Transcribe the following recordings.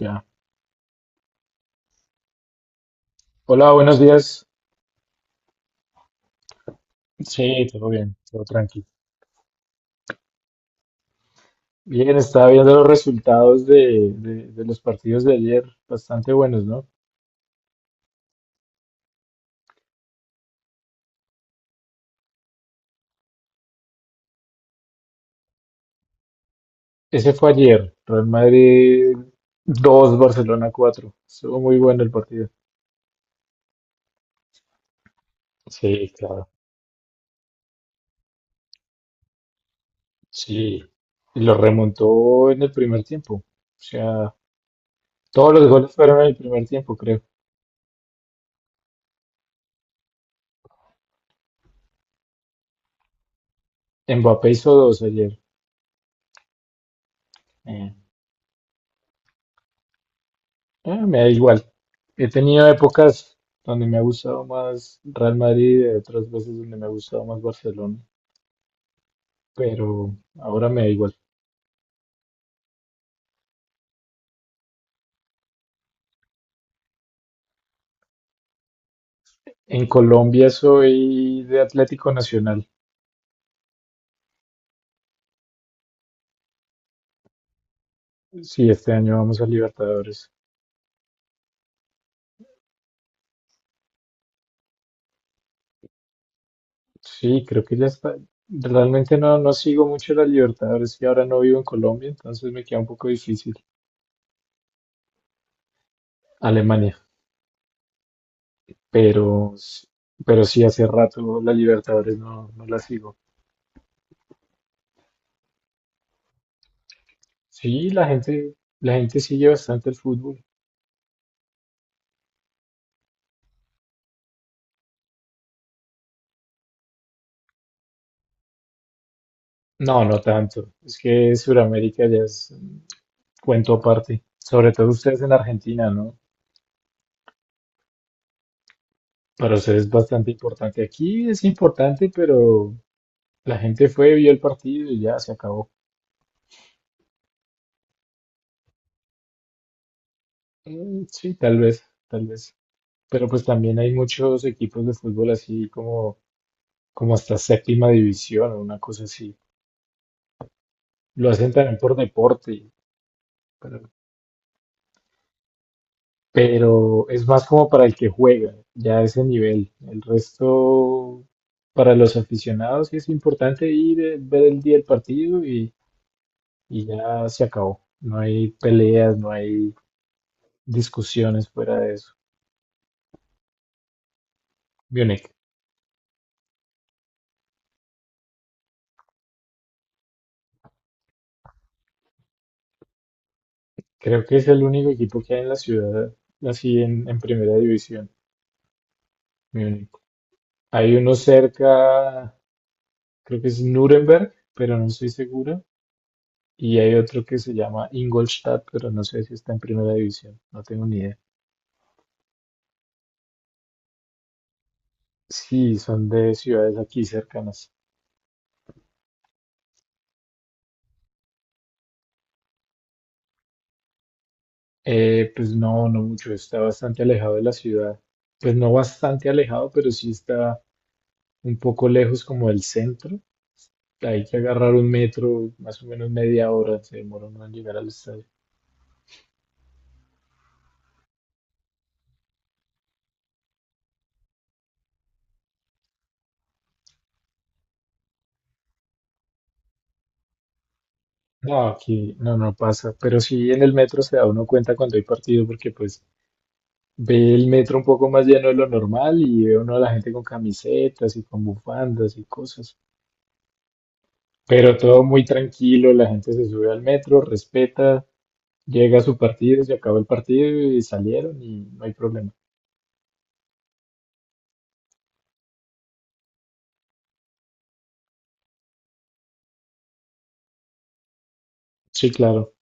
Ya. Hola, buenos días. Sí, todo bien, todo tranquilo. Bien, estaba viendo los resultados de los partidos de ayer, bastante buenos, ¿no? Ese fue ayer, Real Madrid 2, Barcelona 4. Estuvo muy bueno el partido. Sí, claro. Sí. Y lo remontó en el primer tiempo. O sea, todos los goles fueron en el primer tiempo, creo. Mbappé hizo dos ayer. Ah, me da igual. He tenido épocas donde me ha gustado más Real Madrid y otras veces donde me ha gustado más Barcelona, pero ahora me da igual. En Colombia soy de Atlético Nacional. Sí, este año vamos a Libertadores. Sí, creo que ya está. Realmente no, no sigo mucho las Libertadores y ahora no vivo en Colombia, entonces me queda un poco difícil. Alemania, pero, pero sí hace rato las Libertadores no, no las sigo. Sí, la gente sigue bastante el fútbol. No, no tanto. Es que Sudamérica ya es un cuento aparte. Sobre todo ustedes en Argentina, ¿no? Para ustedes es bastante importante. Aquí es importante, pero la gente fue, vio el partido y ya se acabó. Mm, sí, tal vez, tal vez. Pero pues también hay muchos equipos de fútbol así como, como hasta séptima división o una cosa así. Lo hacen también por deporte, pero es más como para el que juega, ya a ese nivel. El resto, para los aficionados, sí es importante ir, ver el día del partido y ya se acabó. No hay peleas, no hay discusiones fuera de eso. Múnich, creo que es el único equipo que hay en la ciudad, así en primera división, Múnich. Hay uno cerca, creo que es Nuremberg, pero no estoy seguro. Y hay otro que se llama Ingolstadt, pero no sé si está en primera división. No tengo ni idea. Sí, son de ciudades aquí cercanas. Pues no, no mucho, está bastante alejado de la ciudad. Pues no bastante alejado, pero sí está un poco lejos como del centro. Hay que agarrar un metro, más o menos media hora, se demora uno en llegar al estadio. No, aquí no, no pasa, pero sí en el metro se da uno cuenta cuando hay partido porque pues ve el metro un poco más lleno de lo normal y ve uno a la gente con camisetas y con bufandas y cosas, pero todo muy tranquilo, la gente se sube al metro, respeta, llega su partido, se acabó el partido y salieron y no hay problema. Sí, claro.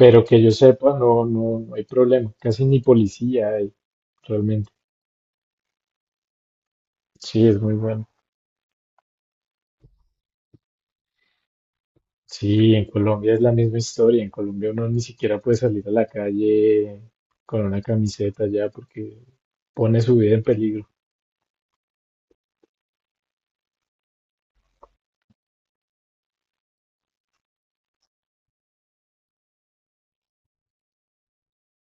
Pero que yo sepa, no, no, no hay problema. Casi ni policía hay, realmente. Sí, es muy bueno. Sí, en Colombia es la misma historia. En Colombia uno ni siquiera puede salir a la calle con una camiseta ya porque pone su vida en peligro.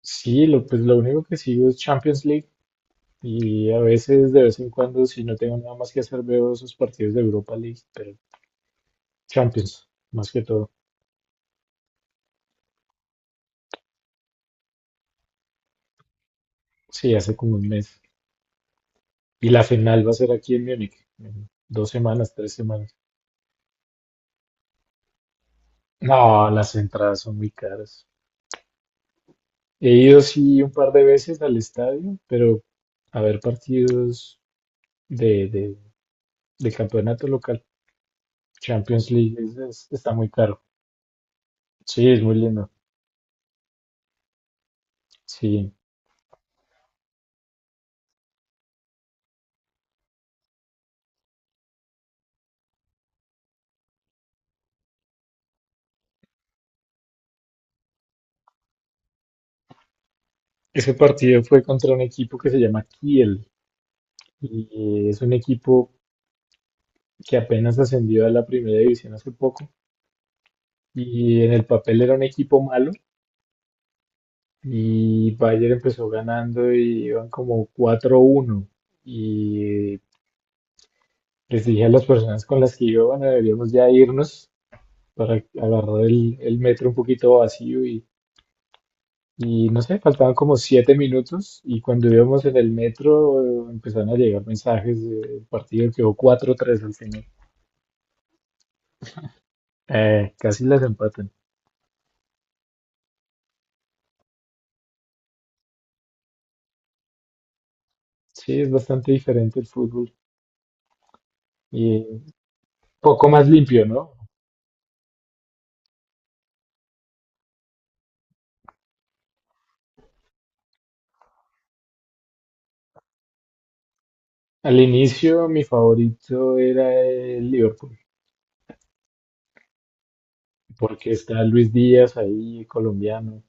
Sí, lo, pues lo único que sigo es Champions League y a veces, de vez en cuando, si no tengo nada más que hacer, veo esos partidos de Europa League, pero Champions, más que todo. Sí, hace como un mes. Y la final va a ser aquí en Múnich, en dos semanas, tres semanas. No, las entradas son muy caras. He ido sí un par de veces al estadio, pero a ver partidos de, de, de campeonato local. Champions League es- está muy caro. Sí, es muy lindo. Sí. Ese partido fue contra un equipo que se llama Kiel y es un equipo que apenas ascendió a la primera división hace poco y en el papel era un equipo malo. Y Bayern empezó ganando y iban como cuatro uno. Y les dije a las personas con las que iba, bueno, deberíamos ya irnos para agarrar el metro un poquito vacío y no sé, faltaban como 7 minutos y cuando íbamos en el metro empezaron a llegar mensajes del partido, quedó cuatro tres al final. Casi las empatan. Sí, es bastante diferente el fútbol y poco más limpio, ¿no? Al inicio mi favorito era el Liverpool, porque está Luis Díaz ahí, colombiano,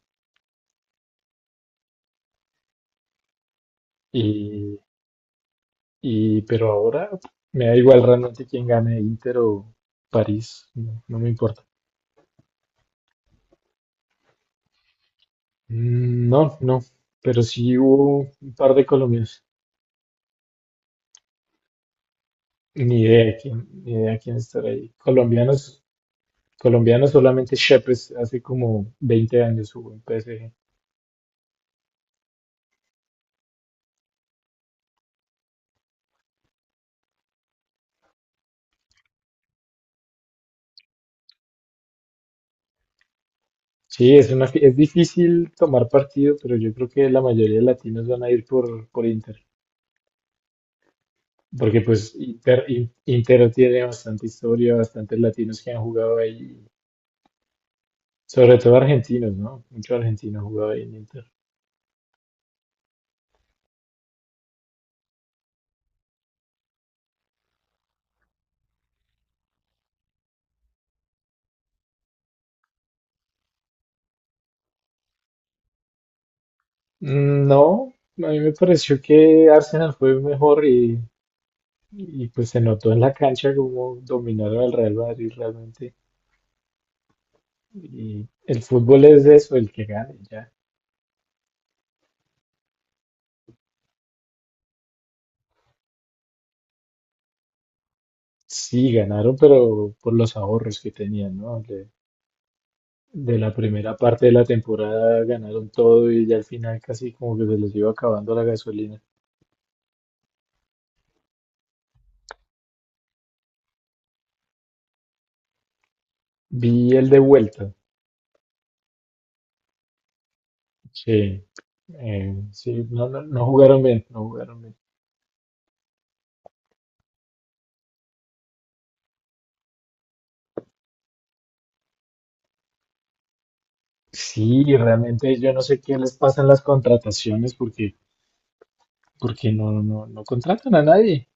y, pero ahora me da igual realmente quién gane, Inter o París, no, no me importa. Mm, no, no, pero sí hubo un par de colombianos, ni idea de quién, ni idea de quién estará ahí. Colombianos, colombianos solamente Shepes, hace como 20 años hubo en PSG. Sí, es una, es difícil tomar partido, pero yo creo que la mayoría de latinos van a ir por Inter. Porque pues Inter, Inter tiene bastante historia, bastantes latinos que han jugado ahí, sobre todo argentinos, ¿no? Muchos argentinos han jugado ahí en Inter. Mm, no, a mí me pareció que Arsenal fue mejor y, pues se notó en la cancha como dominaron al Real Madrid realmente. Y el fútbol es de eso, el que gane, ya. Sí, ganaron, pero por los ahorros que tenían, ¿no? De la primera parte de la temporada ganaron todo y ya al final casi como que se les iba acabando la gasolina. Vi el de vuelta. Sí, sí, no, no, no jugaron bien, no jugaron bien. Sí, realmente yo no sé qué les pasa en las contrataciones porque, porque no, no, no contratan a nadie.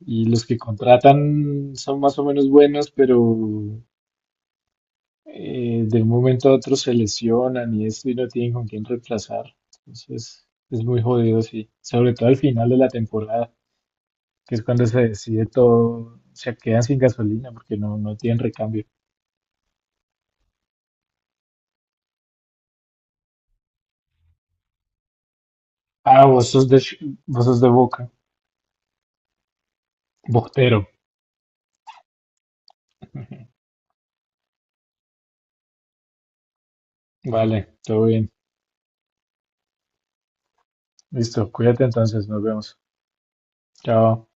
Y los que contratan son más o menos buenos, pero de un momento a otro se lesionan y esto y no tienen con quién reemplazar. Entonces es muy jodido, sí. Sobre todo al final de la temporada, que es cuando se decide todo, se quedan sin gasolina porque no, no tienen recambio. Ah, vos sos de, vos sos de Boca. Bostero. Vale, todo bien. Listo, cuídate entonces, nos vemos. Chao.